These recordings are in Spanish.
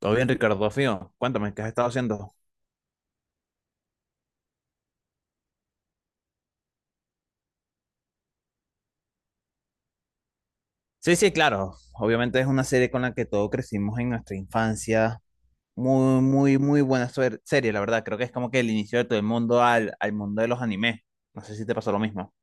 Todo bien, Ricardo, Dios mío. Cuéntame, ¿qué has estado haciendo? Sí, sí, claro. Obviamente es una serie con la que todos crecimos en nuestra infancia. Muy, muy, muy buena serie, la verdad. Creo que es como que el inicio de todo el mundo al mundo de los animes. No sé si te pasó lo mismo.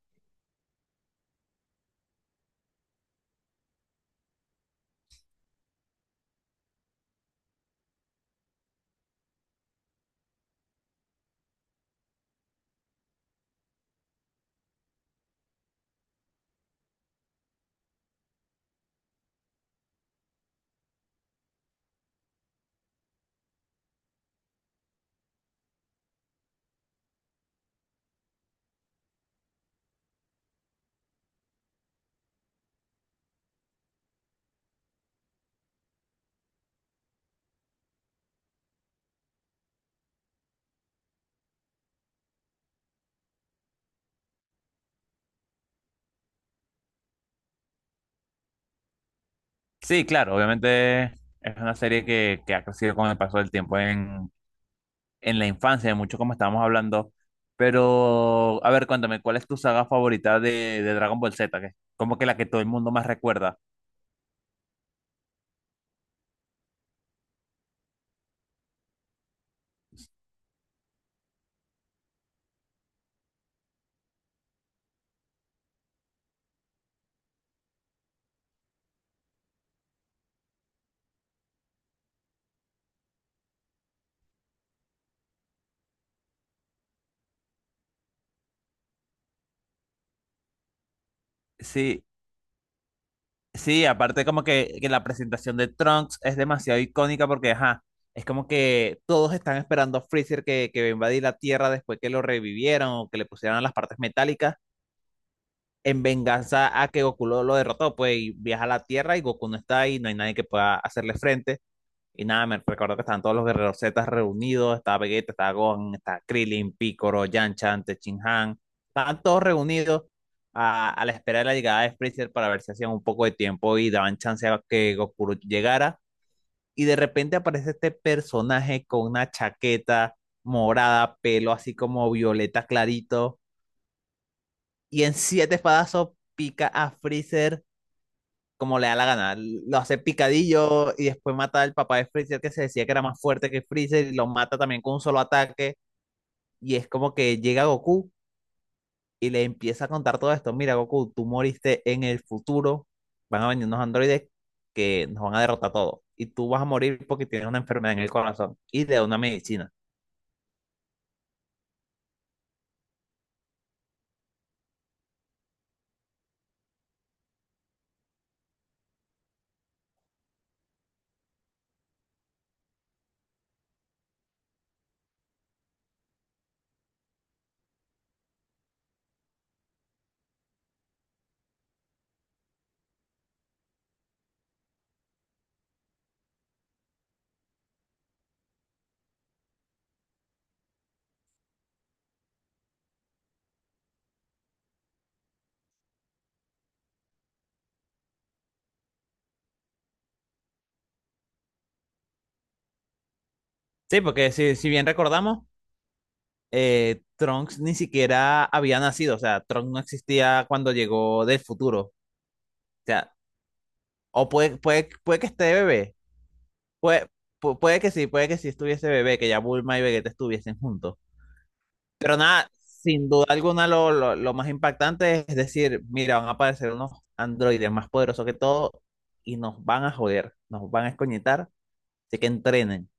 Sí, claro, obviamente es una serie que ha crecido con el paso del tiempo en la infancia, mucho como estábamos hablando. Pero, a ver, cuéntame, ¿cuál es tu saga favorita de Dragon Ball Z? Que es como que la que todo el mundo más recuerda. Sí, sí, aparte como que la presentación de Trunks es demasiado icónica porque, ajá, es como que todos están esperando a Freezer que va a invadir la Tierra después que lo revivieron o que le pusieron las partes metálicas en venganza a que Goku lo derrotó, pues y viaja a la Tierra y Goku no está ahí, no hay nadie que pueda hacerle frente. Y nada, me recuerdo que estaban todos los guerreros Z reunidos, estaba Vegeta, estaba Gohan, estaba Krillin, Picoro, Yanchan, Tenshinhan, estaban todos reunidos a la espera de la llegada de Freezer para ver si hacían un poco de tiempo y daban chance a que Goku llegara. Y de repente aparece este personaje con una chaqueta morada, pelo así como violeta clarito, y en siete espadazos pica a Freezer como le da la gana. Lo hace picadillo y después mata al papá de Freezer que se decía que era más fuerte que Freezer y lo mata también con un solo ataque. Y es como que llega Goku y le empieza a contar todo esto. Mira, Goku, tú moriste en el futuro. Van a venir unos androides que nos van a derrotar a todos. Y tú vas a morir porque tienes una enfermedad en el corazón y de una medicina. Sí, porque si bien recordamos, Trunks ni siquiera había nacido. O sea, Trunks no existía cuando llegó del futuro. O sea, o puede que esté de bebé, Puede, puede que sí, puede que sí estuviese bebé, que ya Bulma y Vegeta estuviesen juntos. Pero nada, sin duda alguna lo más impactante es decir, mira, van a aparecer unos androides más poderosos que todo y nos van a joder, nos van a escoñetar, así que entrenen.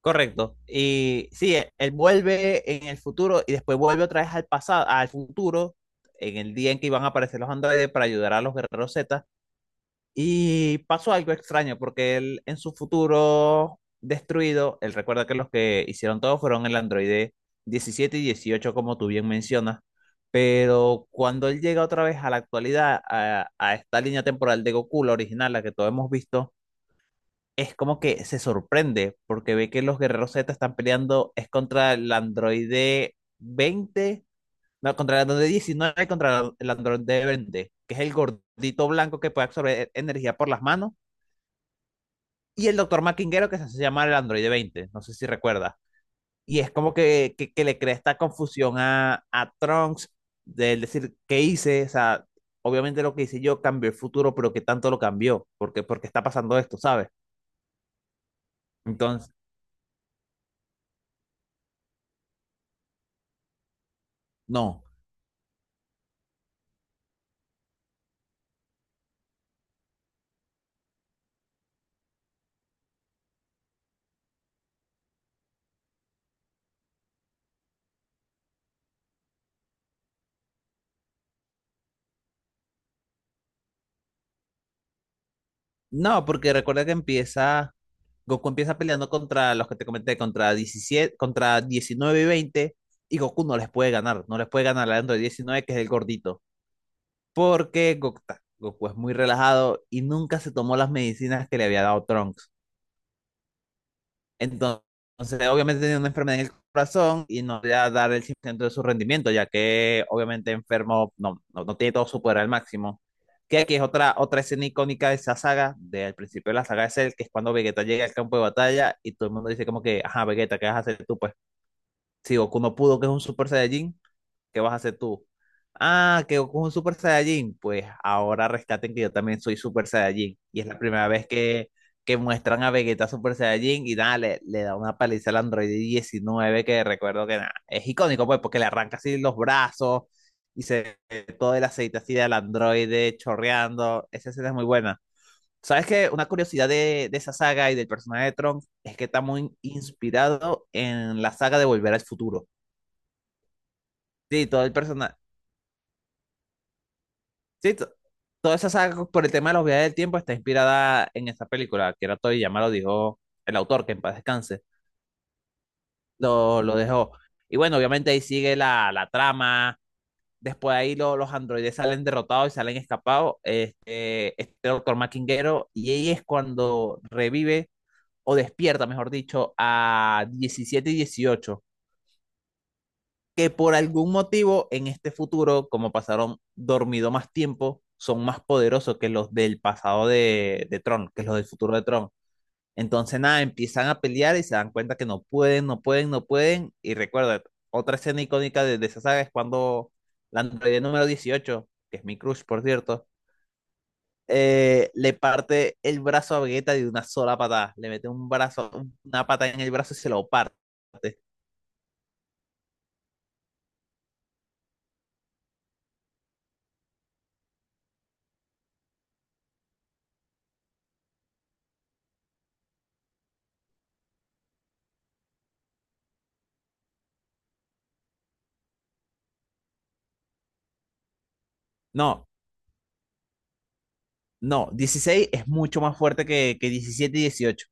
Correcto. Y sí, él vuelve en el futuro y después vuelve otra vez al pasado, al futuro, en el día en que iban a aparecer los androides para ayudar a los guerreros Z. Y pasó algo extraño porque él en su futuro destruido, él recuerda que los que hicieron todo fueron el androide 17 y 18 como tú bien mencionas, pero cuando él llega otra vez a la actualidad, a esta línea temporal de Goku, la original, la que todos hemos visto, es como que se sorprende porque ve que los guerreros Z están peleando, es contra el androide 20 no, contra el androide 19 y contra el androide 20 que es el gordito blanco que puede absorber energía por las manos y el doctor Maquinguero que se hace llamar el androide 20, no sé si recuerda. Y es como que le crea esta confusión a Trunks de él decir, ¿qué hice? O sea, obviamente lo que hice yo cambió el futuro, pero ¿qué tanto lo cambió? Porque está pasando esto, ¿sabes? Entonces, no. No, porque recuerda que empieza, Goku empieza peleando contra los que te comenté, contra 17, contra 19 y 20, y Goku no les puede ganar, no les puede ganar al Android 19 que es el gordito. Porque Goku, Goku es muy relajado y nunca se tomó las medicinas que le había dado Trunks. Entonces, obviamente tenía una enfermedad en el corazón y no podía dar el 100% de su rendimiento, ya que obviamente enfermo no, no, no tiene todo su poder al máximo. Que aquí es otra escena icónica de esa saga, del principio de la saga de Cell, que es cuando Vegeta llega al campo de batalla y todo el mundo dice como que, ajá, Vegeta, ¿qué vas a hacer tú? Pues si Goku no pudo, que es un Super Saiyajin, ¿qué vas a hacer tú? Ah, que Goku es un Super Saiyajin. Pues ahora rescaten que yo también soy Super Saiyajin. Y es la primera vez que muestran a Vegeta Super Saiyajin y nada, le da una paliza al Android 19 que recuerdo que nada, es icónico pues porque le arranca así los brazos y se ve todo el aceite así del androide chorreando. Esa escena es muy buena. ¿Sabes qué? Una curiosidad de esa saga y del personaje de Trunks es que está muy inspirado en la saga de Volver al Futuro. Sí, todo el personaje. Sí, toda esa saga por el tema de los viajes del tiempo está inspirada en esa película. Akira Toriyama lo dijo el autor, que en paz descanse, lo dejó. Y bueno, obviamente ahí sigue la trama. Después ahí los androides salen derrotados y salen escapados. Este doctor Maquinguero, y ahí es cuando revive o despierta, mejor dicho, a 17 y 18 que por algún motivo en este futuro, como pasaron dormido más tiempo, son más poderosos que los del pasado de Tron, que los del futuro de Tron. Entonces, nada, empiezan a pelear y se dan cuenta que no pueden, no pueden, no pueden. Y recuerda, otra escena icónica de esa saga es cuando la androide número 18 que es mi crush, por cierto, le parte el brazo a Vegeta de una sola patada. Le mete un brazo, una patada en el brazo y se lo parte. No, no, 16 es mucho más fuerte que 17 y 18.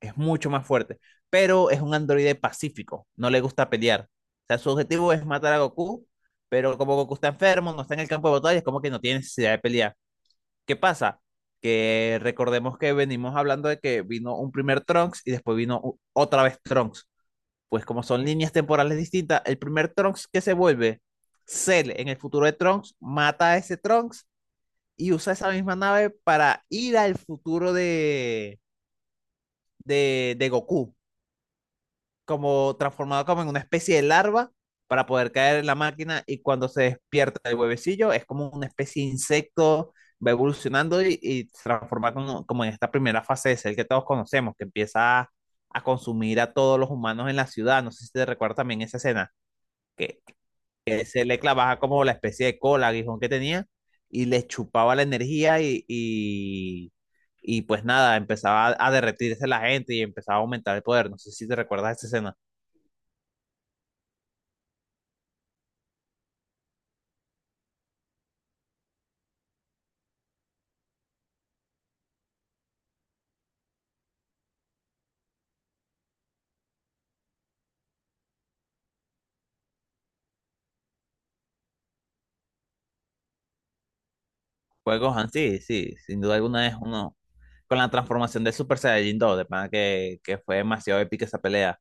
Es mucho más fuerte. Pero es un androide pacífico. No le gusta pelear. O sea, su objetivo es matar a Goku. Pero como Goku está enfermo, no está en el campo de batalla, es como que no tiene necesidad de pelear. ¿Qué pasa? Que recordemos que venimos hablando de que vino un primer Trunks y después vino otra vez Trunks. Pues como son líneas temporales distintas, el primer Trunks que se vuelve Cell en el futuro de Trunks mata a ese Trunks y usa esa misma nave para ir al futuro de Goku, como transformado como en una especie de larva para poder caer en la máquina y cuando se despierta el huevecillo es como una especie de insecto, va evolucionando y se transforma como en esta primera fase de ser que todos conocemos, que empieza a consumir a todos los humanos en la ciudad. No sé si te recuerdas también esa escena, que que se le clavaba como la especie de cola, aguijón que tenía, y le chupaba la energía y pues nada, empezaba a derretirse la gente y empezaba a aumentar el poder. No sé si te recuerdas esa escena. Fue Gohan, sí, sí, sin duda alguna es uno. Con la transformación de Super Saiyajin 2, de pana que fue demasiado épica esa pelea.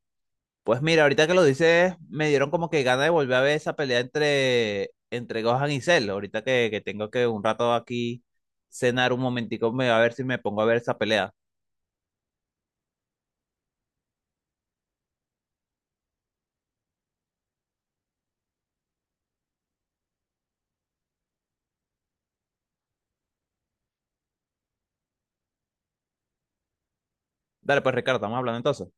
Pues mira, ahorita que lo dices, me dieron como que ganas de volver a ver esa pelea entre Gohan y Cell. Ahorita que tengo que un rato aquí cenar un momentico, me voy a ver si me pongo a ver esa pelea. Dale, pues Ricardo, estamos hablando entonces.